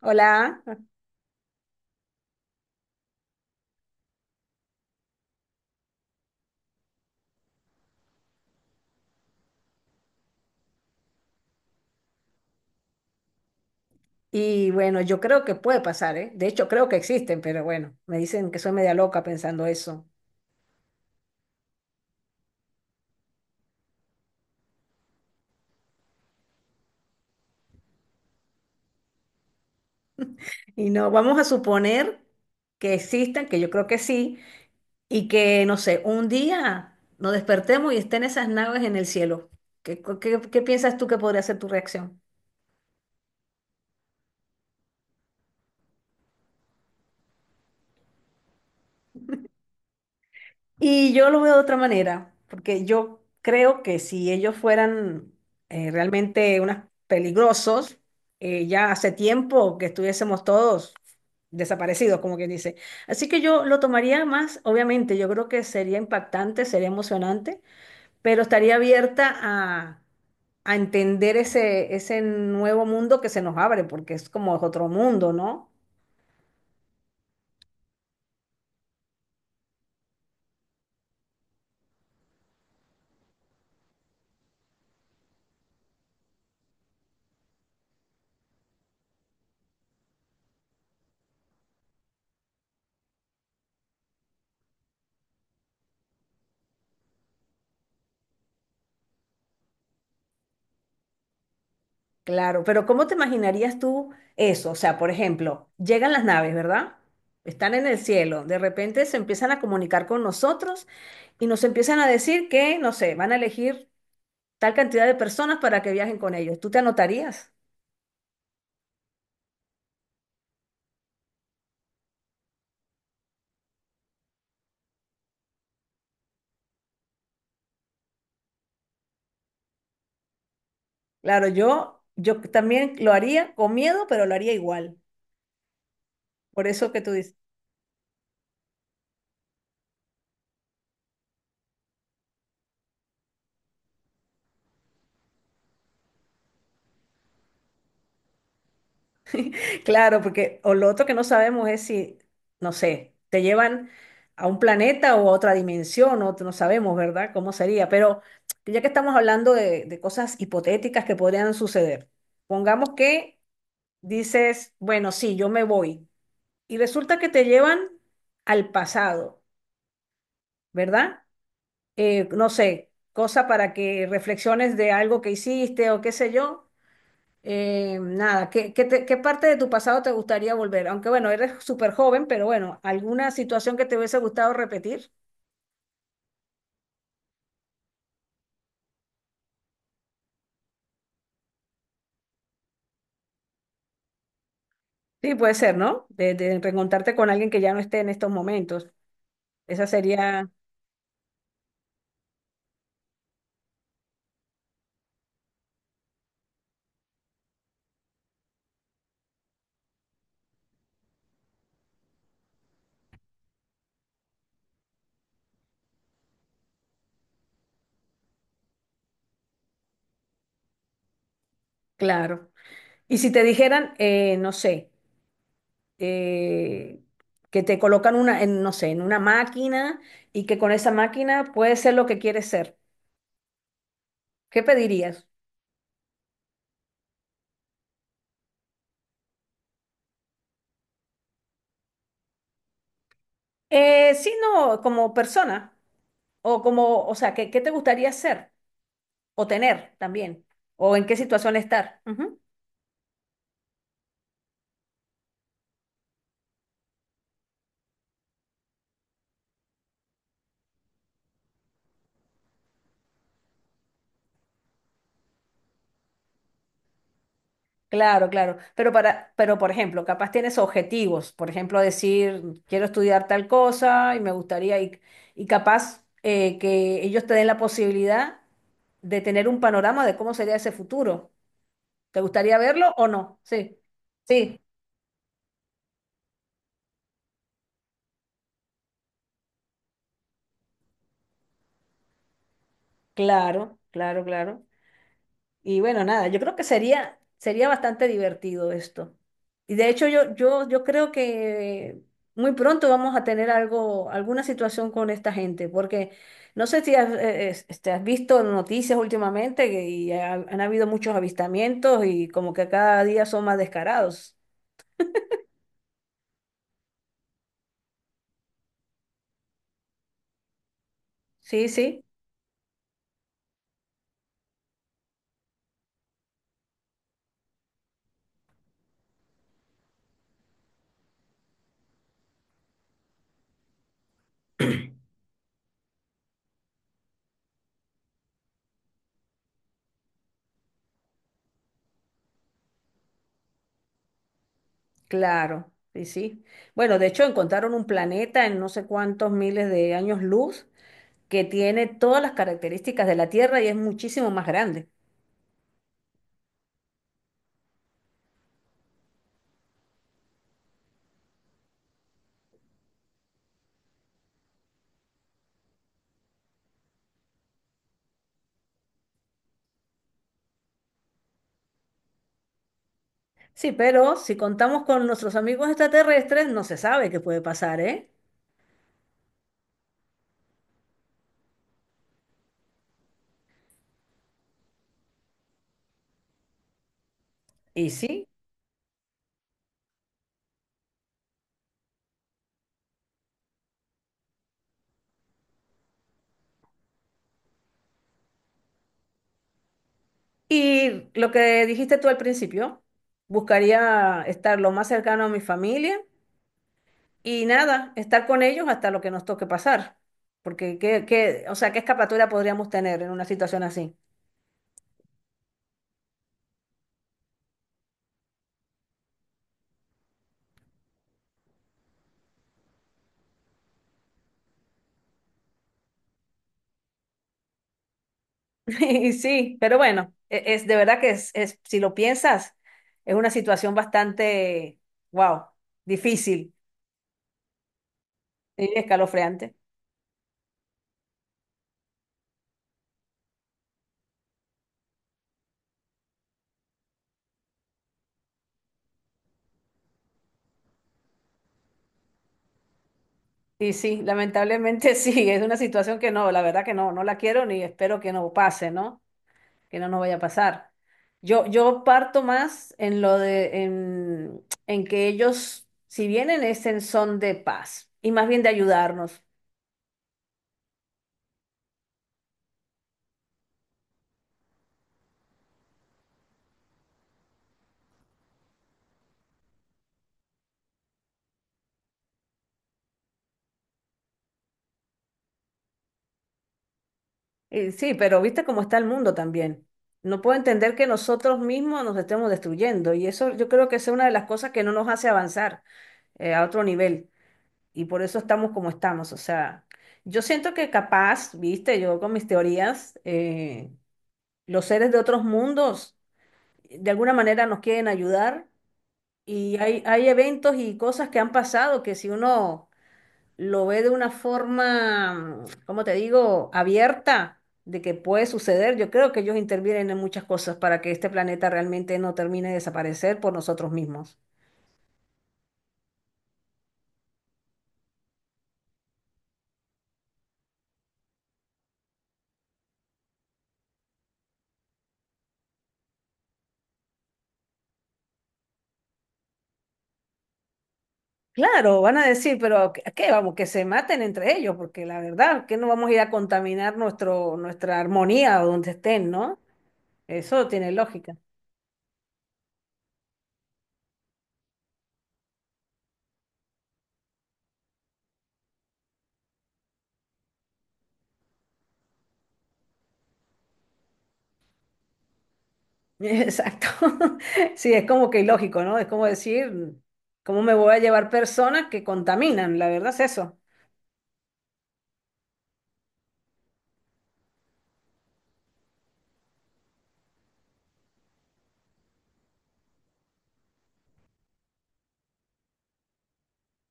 Hola, y bueno, yo creo que puede pasar, ¿eh? De hecho, creo que existen, pero bueno, me dicen que soy media loca pensando eso. Y no, vamos a suponer que existan, que yo creo que sí, y que, no sé, un día nos despertemos y estén esas naves en el cielo. ¿Qué piensas tú que podría ser tu reacción? Y yo lo veo de otra manera, porque yo creo que si ellos fueran realmente unos peligrosos, ya hace tiempo que estuviésemos todos desaparecidos, como quien dice. Así que yo lo tomaría más, obviamente, yo creo que sería impactante, sería emocionante, pero estaría abierta a entender ese nuevo mundo que se nos abre, porque es como otro mundo, ¿no? Claro, pero ¿cómo te imaginarías tú eso? O sea, por ejemplo, llegan las naves, ¿verdad? Están en el cielo, de repente se empiezan a comunicar con nosotros y nos empiezan a decir que, no sé, van a elegir tal cantidad de personas para que viajen con ellos. ¿Tú te anotarías? Claro, yo también lo haría con miedo, pero lo haría igual. Por eso que tú dices. Claro, porque o lo otro que no sabemos es si, no sé, te llevan a un planeta o a otra dimensión, o no sabemos, ¿verdad? ¿Cómo sería? Pero ya que estamos hablando de cosas hipotéticas que podrían suceder, pongamos que dices, bueno, sí, yo me voy, y resulta que te llevan al pasado, ¿verdad? No sé, cosa para que reflexiones de algo que hiciste o qué sé yo, nada, ¿qué parte de tu pasado te gustaría volver? Aunque bueno, eres súper joven, pero bueno, ¿alguna situación que te hubiese gustado repetir? Sí, puede ser, ¿no? De reencontrarte con alguien que ya no esté en estos momentos. Esa sería, claro. Y si te dijeran, no sé, eh, que te colocan una, en, no sé, en una máquina y que con esa máquina puedes ser lo que quieres ser, ¿qué pedirías? Sí, no, como persona, o como, o sea, ¿qué te gustaría ser? O tener también. O en qué situación estar. Ujú. Claro, claro. Pero para, pero por ejemplo, capaz tienes objetivos. Por ejemplo, decir, quiero estudiar tal cosa y me gustaría, y capaz que ellos te den la posibilidad de tener un panorama de cómo sería ese futuro. ¿Te gustaría verlo o no? Sí. Sí, claro, claro, claro. Y bueno, nada, yo creo que sería, sería bastante divertido esto. Y de hecho yo creo que muy pronto vamos a tener algo, alguna situación con esta gente, porque no sé si has, este, has visto noticias últimamente han habido muchos avistamientos y como que cada día son más descarados. Sí, sí, claro, sí, sí. Bueno, de hecho encontraron un planeta en no sé cuántos miles de años luz que tiene todas las características de la Tierra y es muchísimo más grande. Sí, pero si contamos con nuestros amigos extraterrestres, no se sabe qué puede pasar, ¿eh? Y sí. Y lo que dijiste tú al principio, buscaría estar lo más cercano a mi familia y nada, estar con ellos hasta lo que nos toque pasar. Porque, o sea, ¿qué escapatoria podríamos tener en una situación así? Y sí, pero bueno, es, de verdad que si lo piensas, es una situación bastante, wow, difícil y escalofriante. Y sí, lamentablemente sí, es una situación que no, la verdad que no, no la quiero ni espero que no pase, ¿no? Que no nos vaya a pasar. Yo parto más en lo en que ellos, si vienen, es en son de paz y más bien de ayudarnos. Y sí, pero viste cómo está el mundo también. No puedo entender que nosotros mismos nos estemos destruyendo y eso yo creo que es una de las cosas que no nos hace avanzar a otro nivel. Y por eso estamos como estamos. O sea, yo siento que capaz, viste, yo con mis teorías, los seres de otros mundos de alguna manera nos quieren ayudar y hay eventos y cosas que han pasado que si uno lo ve de una forma, mm, ¿cómo te digo?, abierta de que puede suceder, yo creo que ellos intervienen en muchas cosas para que este planeta realmente no termine de desaparecer por nosotros mismos. Claro, van a decir, pero ¿a qué vamos? Que se maten entre ellos, porque la verdad que no vamos a ir a contaminar nuestro, nuestra armonía o donde estén, ¿no? Eso tiene lógica. Exacto. Sí, es como que ilógico, ¿no? Es como decir, ¿cómo me voy a llevar personas que contaminan? La verdad es eso.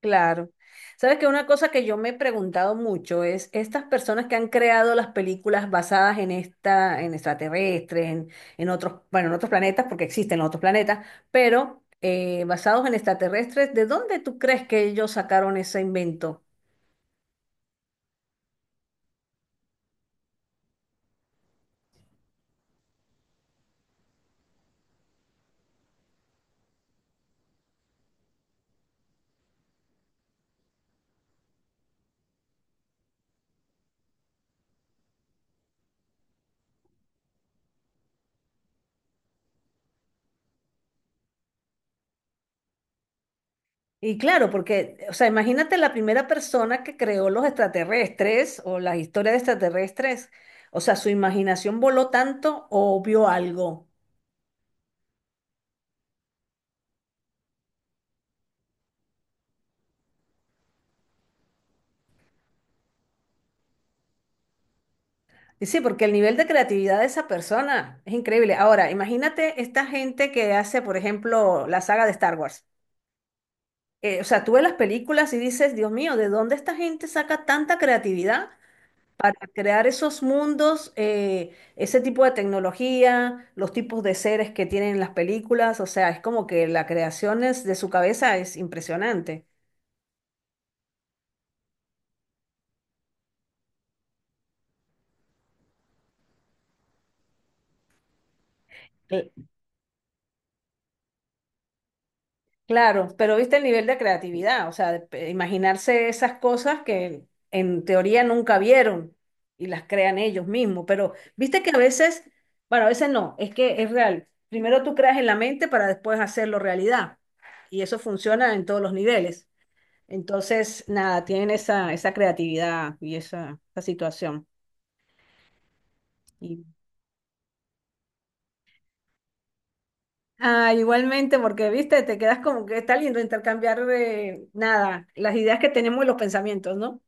Claro. Sabes que una cosa que yo me he preguntado mucho es estas personas que han creado las películas basadas en esta, en extraterrestres, en otros, bueno, en otros planetas, porque existen los otros planetas, pero basados en extraterrestres, ¿de dónde tú crees que ellos sacaron ese invento? Y claro, porque, o sea, imagínate la primera persona que creó los extraterrestres o las historias de extraterrestres, o sea, su imaginación voló tanto o vio algo. Y sí, porque el nivel de creatividad de esa persona es increíble. Ahora, imagínate esta gente que hace, por ejemplo, la saga de Star Wars. O sea, tú ves las películas y dices, Dios mío, ¿de dónde esta gente saca tanta creatividad para crear esos mundos, ese tipo de tecnología, los tipos de seres que tienen las películas? O sea, es como que de su cabeza es impresionante. Cl- Claro, pero viste el nivel de creatividad, o sea, de imaginarse esas cosas que en teoría nunca vieron y las crean ellos mismos, pero viste que a veces, bueno, a veces no, es que es real. Primero tú creas en la mente para después hacerlo realidad y eso funciona en todos los niveles. Entonces, nada, tienen esa creatividad y esa situación. Y, ah, igualmente, porque viste, te quedas como que está lindo intercambiar, nada, las ideas que tenemos y los pensamientos, ¿no?